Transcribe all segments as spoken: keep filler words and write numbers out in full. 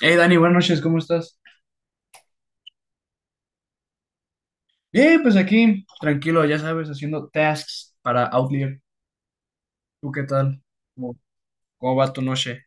Hey Dani, buenas noches, ¿cómo estás? Bien, pues aquí, tranquilo, ya sabes, haciendo tasks para Outlier. ¿Tú qué tal? ¿Cómo, cómo va tu noche?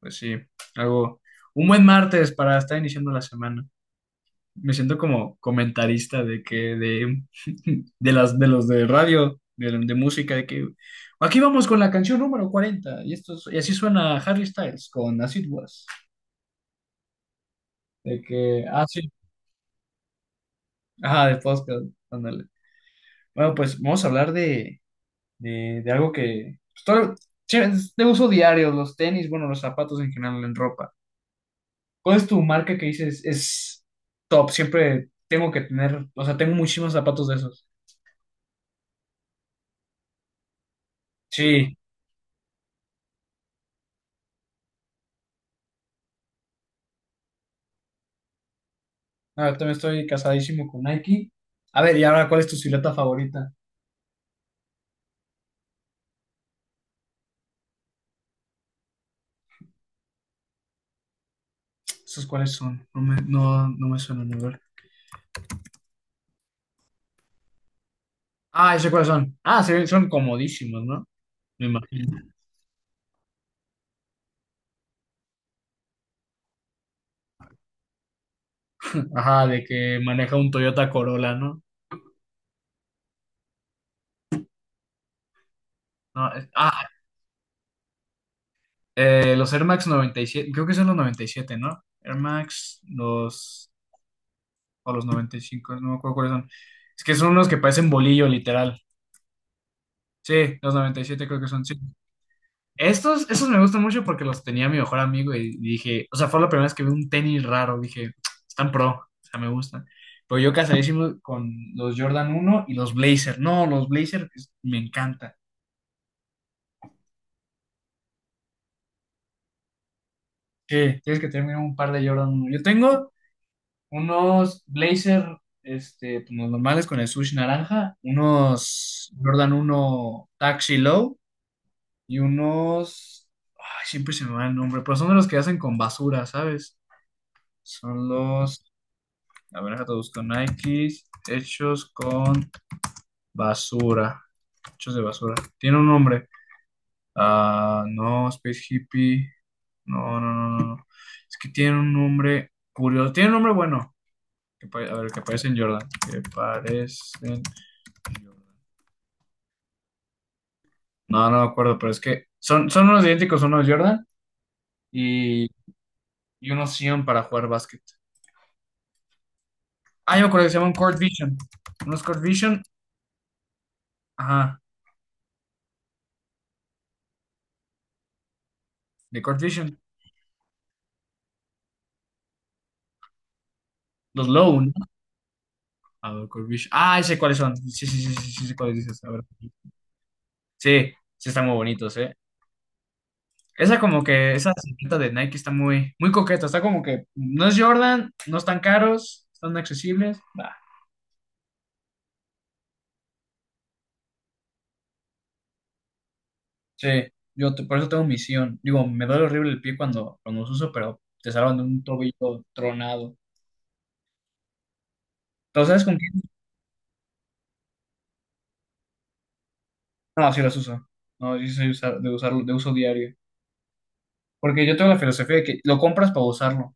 Pues sí, algo. Un buen martes para estar iniciando la semana. Me siento como comentarista de que de, de las de los de radio, de, de música, de que aquí vamos con la canción número cuarenta y esto es- y así suena Harry Styles con As It Was. De que, ah, sí, ajá, de podcast, ándale. Bueno, pues vamos a hablar de, de, de algo que pues, todo- sí, es de uso diario, los tenis, bueno, los zapatos en general, en ropa. ¿Cuál es tu marca que dices es top? Siempre tengo que tener, o sea, tengo muchísimos zapatos de esos. Sí, a ver, también estoy casadísimo con Nike. A ver, y ahora, ¿cuál es tu silueta favorita? ¿Esos cuáles son? No me, no, no me suenan, a ver. Ah, ¿esos cuáles son? Ah, sí, son comodísimos, ¿no? Me imagino. Ajá, de que maneja un Toyota Corolla, ¿no? No, es- ah, Eh, los Air Max noventa y siete, creo que son los noventa y siete, ¿no? Air Max, los, o los noventa y cinco, no me acuerdo cuáles son. Es que son unos que parecen bolillo, literal. Sí, los noventa y siete creo que son, sí. Estos, estos me gustan mucho porque los tenía mi mejor amigo y dije, o sea, fue la primera vez que vi un tenis raro, dije, están pro, o sea, me gustan. Pero yo casadísimo con los Jordan uno y los Blazer. No, los Blazer es- me encanta. Sí, tienes que tener mínimo un par de Jordan uno. Yo tengo unos blazer, este, pues, los normales con el swoosh naranja, unos Jordan uno Taxi Low y unos, ay, siempre se me va el nombre, pero son de los que hacen con basura, ¿sabes? Son los, a ver, déjate busco Nikes, hechos con basura, hechos de basura. Tiene un nombre. Ah, no, Space Hippie. No, no, no, no, no. Es que tiene un nombre curioso. Tiene un nombre bueno. Que pa- a ver, que parecen Jordan. Que parecen Jordan. No, no me acuerdo, pero es que son, son unos idénticos, unos Jordan y, y unos Sion para jugar básquet. Ah, yo me acuerdo que se llaman Court Vision. Unos Court Vision, ajá, de Court Vision. Los Low, ¿no? A ver, Court Vision. Ah, ya sé cuáles son. Sí, sí, sí, sí, sí, sé cuáles dices. A ver. Sí, sí, están muy bonitos, ¿eh? Esa, como que esa silueta de Nike está muy, muy coqueta. Está como que no es Jordan, no están caros, están accesibles. Sí, yo te- por eso tengo misión. Digo, me duele horrible el pie cuando, cuando los uso, pero te salvan de un tobillo tronado. ¿Pero sabes con quién? No, sí los uso. No, yo soy usar- de usarlo, de uso diario. Porque yo tengo la filosofía de que lo compras para usarlo.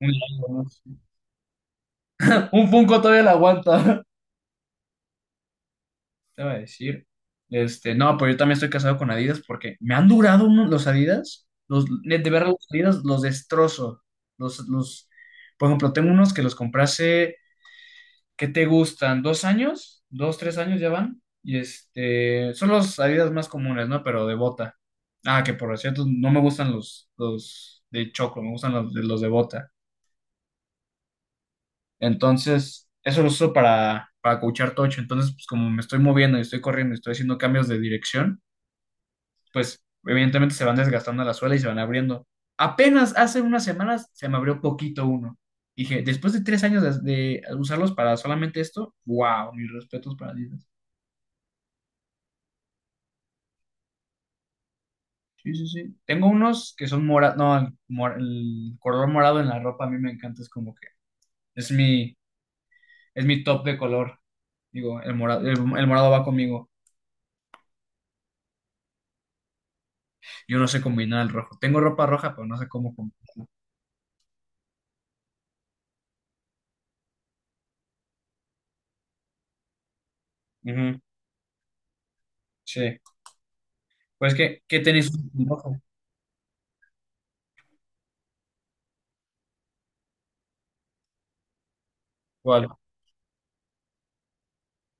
Un, un Funko todavía lo aguanta. Te iba a decir. Este, no, pero yo también estoy casado con Adidas porque me han durado unos- los Adidas. Los, de ver los Adidas, los destrozo. Los, los, por ejemplo, tengo unos que los compré hace, ¿qué te gustan? ¿Dos años? ¿Dos, tres años ya van? Y este, son los Adidas más comunes, ¿no? Pero de bota. Ah, que por cierto, no me gustan los, los de choclo, me gustan los, de- los de bota. Entonces, eso lo uso para, para coachar tocho. Entonces, pues como me estoy moviendo y estoy corriendo y estoy haciendo cambios de dirección, pues evidentemente se van desgastando la suela y se van abriendo. Apenas hace unas semanas se me abrió poquito uno. Dije, después de tres años de, de usarlos para solamente esto, wow, mis respetos para Adidas. Sí, sí, sí. Tengo unos que son morados, no, el, mor- el color morado en la ropa a mí me encanta, es como que es mi, es mi top de color. Digo, el morado, el, el morado va conmigo. Yo no sé combinar el rojo. Tengo ropa roja, pero no sé cómo combinar. Ujú. Sí. Pues que, ¿qué tenis usas en rojo? ¿Cuál?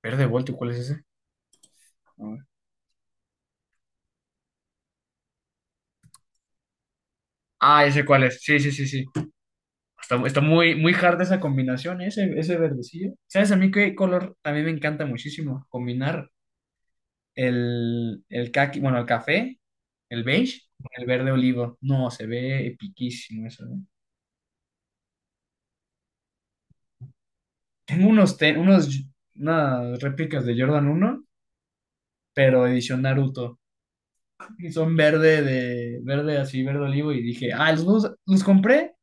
Verde Voltio, ¿cuál es ese? A ver. Ah, ese cuál es. Sí, sí, sí, sí. Está, está muy, muy hard esa combinación, ese, ese verdecillo. ¿Sabes a mí qué color también me encanta muchísimo combinar? el, el caqui, bueno, el café, el beige, con el verde olivo. No, se ve epiquísimo eso, ¿eh? Tengo unos, te- unos, unas réplicas de Jordan uno, pero edición Naruto. Y son verde de, verde así, verde olivo. Y dije, ah, los, dos- los compré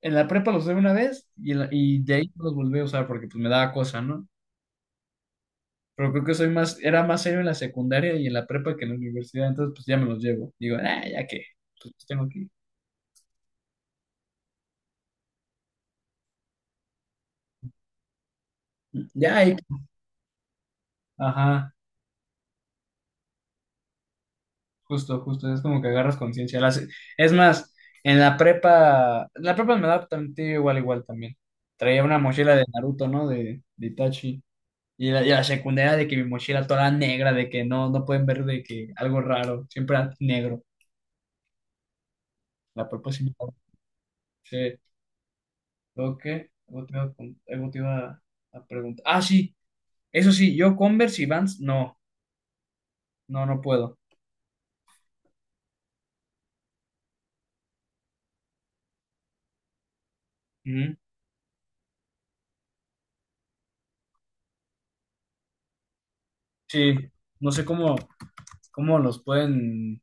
en la prepa, los usé una vez y, en la- y de ahí no los volví a usar porque pues me daba cosa, ¿no? Pero creo que soy más, era más serio en la secundaria y en la prepa que en la universidad, entonces pues ya me los llevo. Digo, ah, ya que, pues los tengo aquí. Ya. Ahí- ajá. Justo, justo, es como que agarras conciencia. Las- Es más, en la prepa, en la prepa me da también igual, igual también. Traía una mochila de Naruto, ¿no? De, de Itachi. Y la, y la secundaria de que mi mochila toda negra, de que no, no pueden ver de que algo raro, siempre era negro. La prepa sí. Me- daba. Sí. Luego, que algo te iba a, con- algo te iba a- a preguntar. Ah, sí, eso sí, yo Converse y Vans, no, no, no puedo. Ujú. Sí, no sé cómo, cómo los pueden.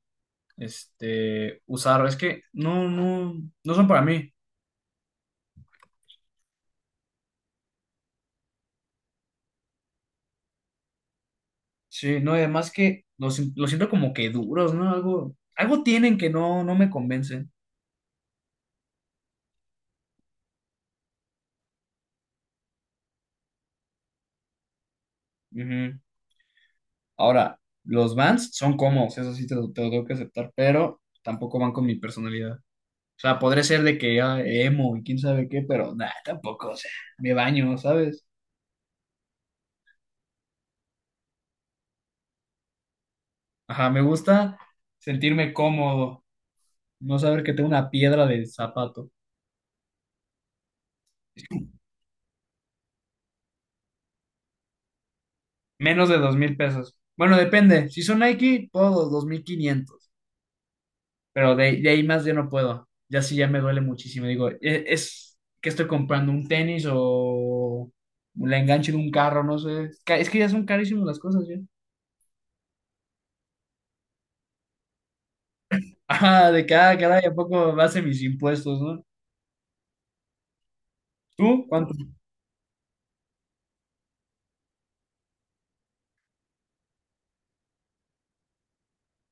este, usar. Es que no, no, no son para mí. Sí, no, y además que los, sin- los siento como que duros, ¿no? Algo, algo tienen que no, no me convencen. Ujú. Ahora, los Vans son cómodos, eso sí te lo, te lo tengo que aceptar, pero tampoco van con mi personalidad. O sea, podré ser de que ya emo y quién sabe qué, pero nada, tampoco, o sea, me baño, ¿sabes? Ajá, me gusta sentirme cómodo, no saber que tengo una piedra de zapato. Menos de dos mil pesos. Bueno, depende. Si son Nike, puedo dos mil quinientos. Pero de, de ahí más yo no puedo. Ya sí, ya me duele muchísimo. Digo, e- es, que estoy comprando un tenis o la enganche de un carro, no sé. Es ca- es que ya son carísimas las cosas, ya. Ajá, de cada, cada, ¿a poco base mis impuestos?, ¿no? ¿Tú cuánto?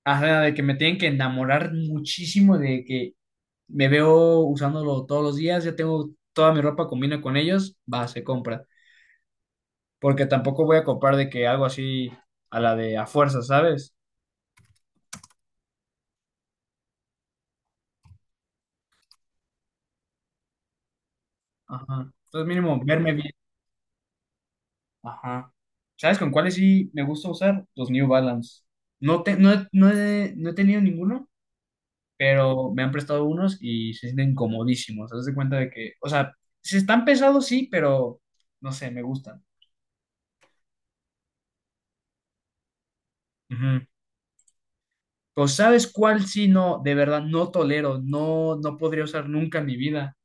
Ajá, de que me tienen que enamorar muchísimo de que me veo usándolo todos los días, ya tengo toda mi ropa combina con ellos, va, se compra. Porque tampoco voy a copar de que algo así a la de a fuerza, ¿sabes? Ajá. Entonces mínimo verme bien. Ajá. ¿Sabes con cuáles sí me gusta usar? Los New Balance. No, te, no, he- no, he, no he tenido ninguno, pero me han prestado unos y se sienten comodísimos. Haz de cuenta de que, o sea, se están pesados, sí, pero no sé, me gustan. Ujú. Pues, ¿sabes cuál sí no, de verdad, no tolero, no, no podría usar nunca en mi vida?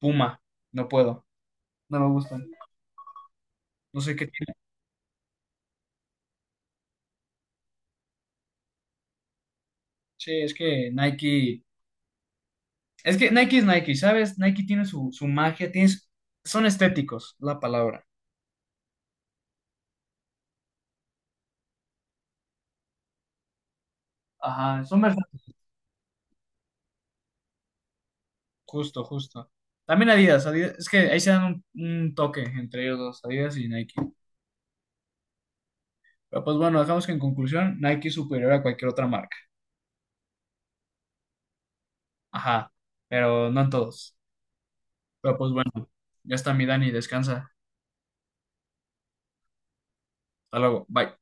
Puma, no puedo, no me gustan. No sé qué. Sí, es que Nike, es que Nike es Nike, ¿sabes? Nike tiene su, su magia, tiene su- son estéticos, la palabra. Ajá, son versátiles. Justo, justo. También Adidas, Adidas, es que ahí se dan un, un toque entre ellos dos, Adidas y Nike. Pero pues bueno, dejamos que en conclusión, Nike es superior a cualquier otra marca. Ajá, pero no en todos. Pero pues bueno, ya está mi Dani, descansa. Hasta luego, bye.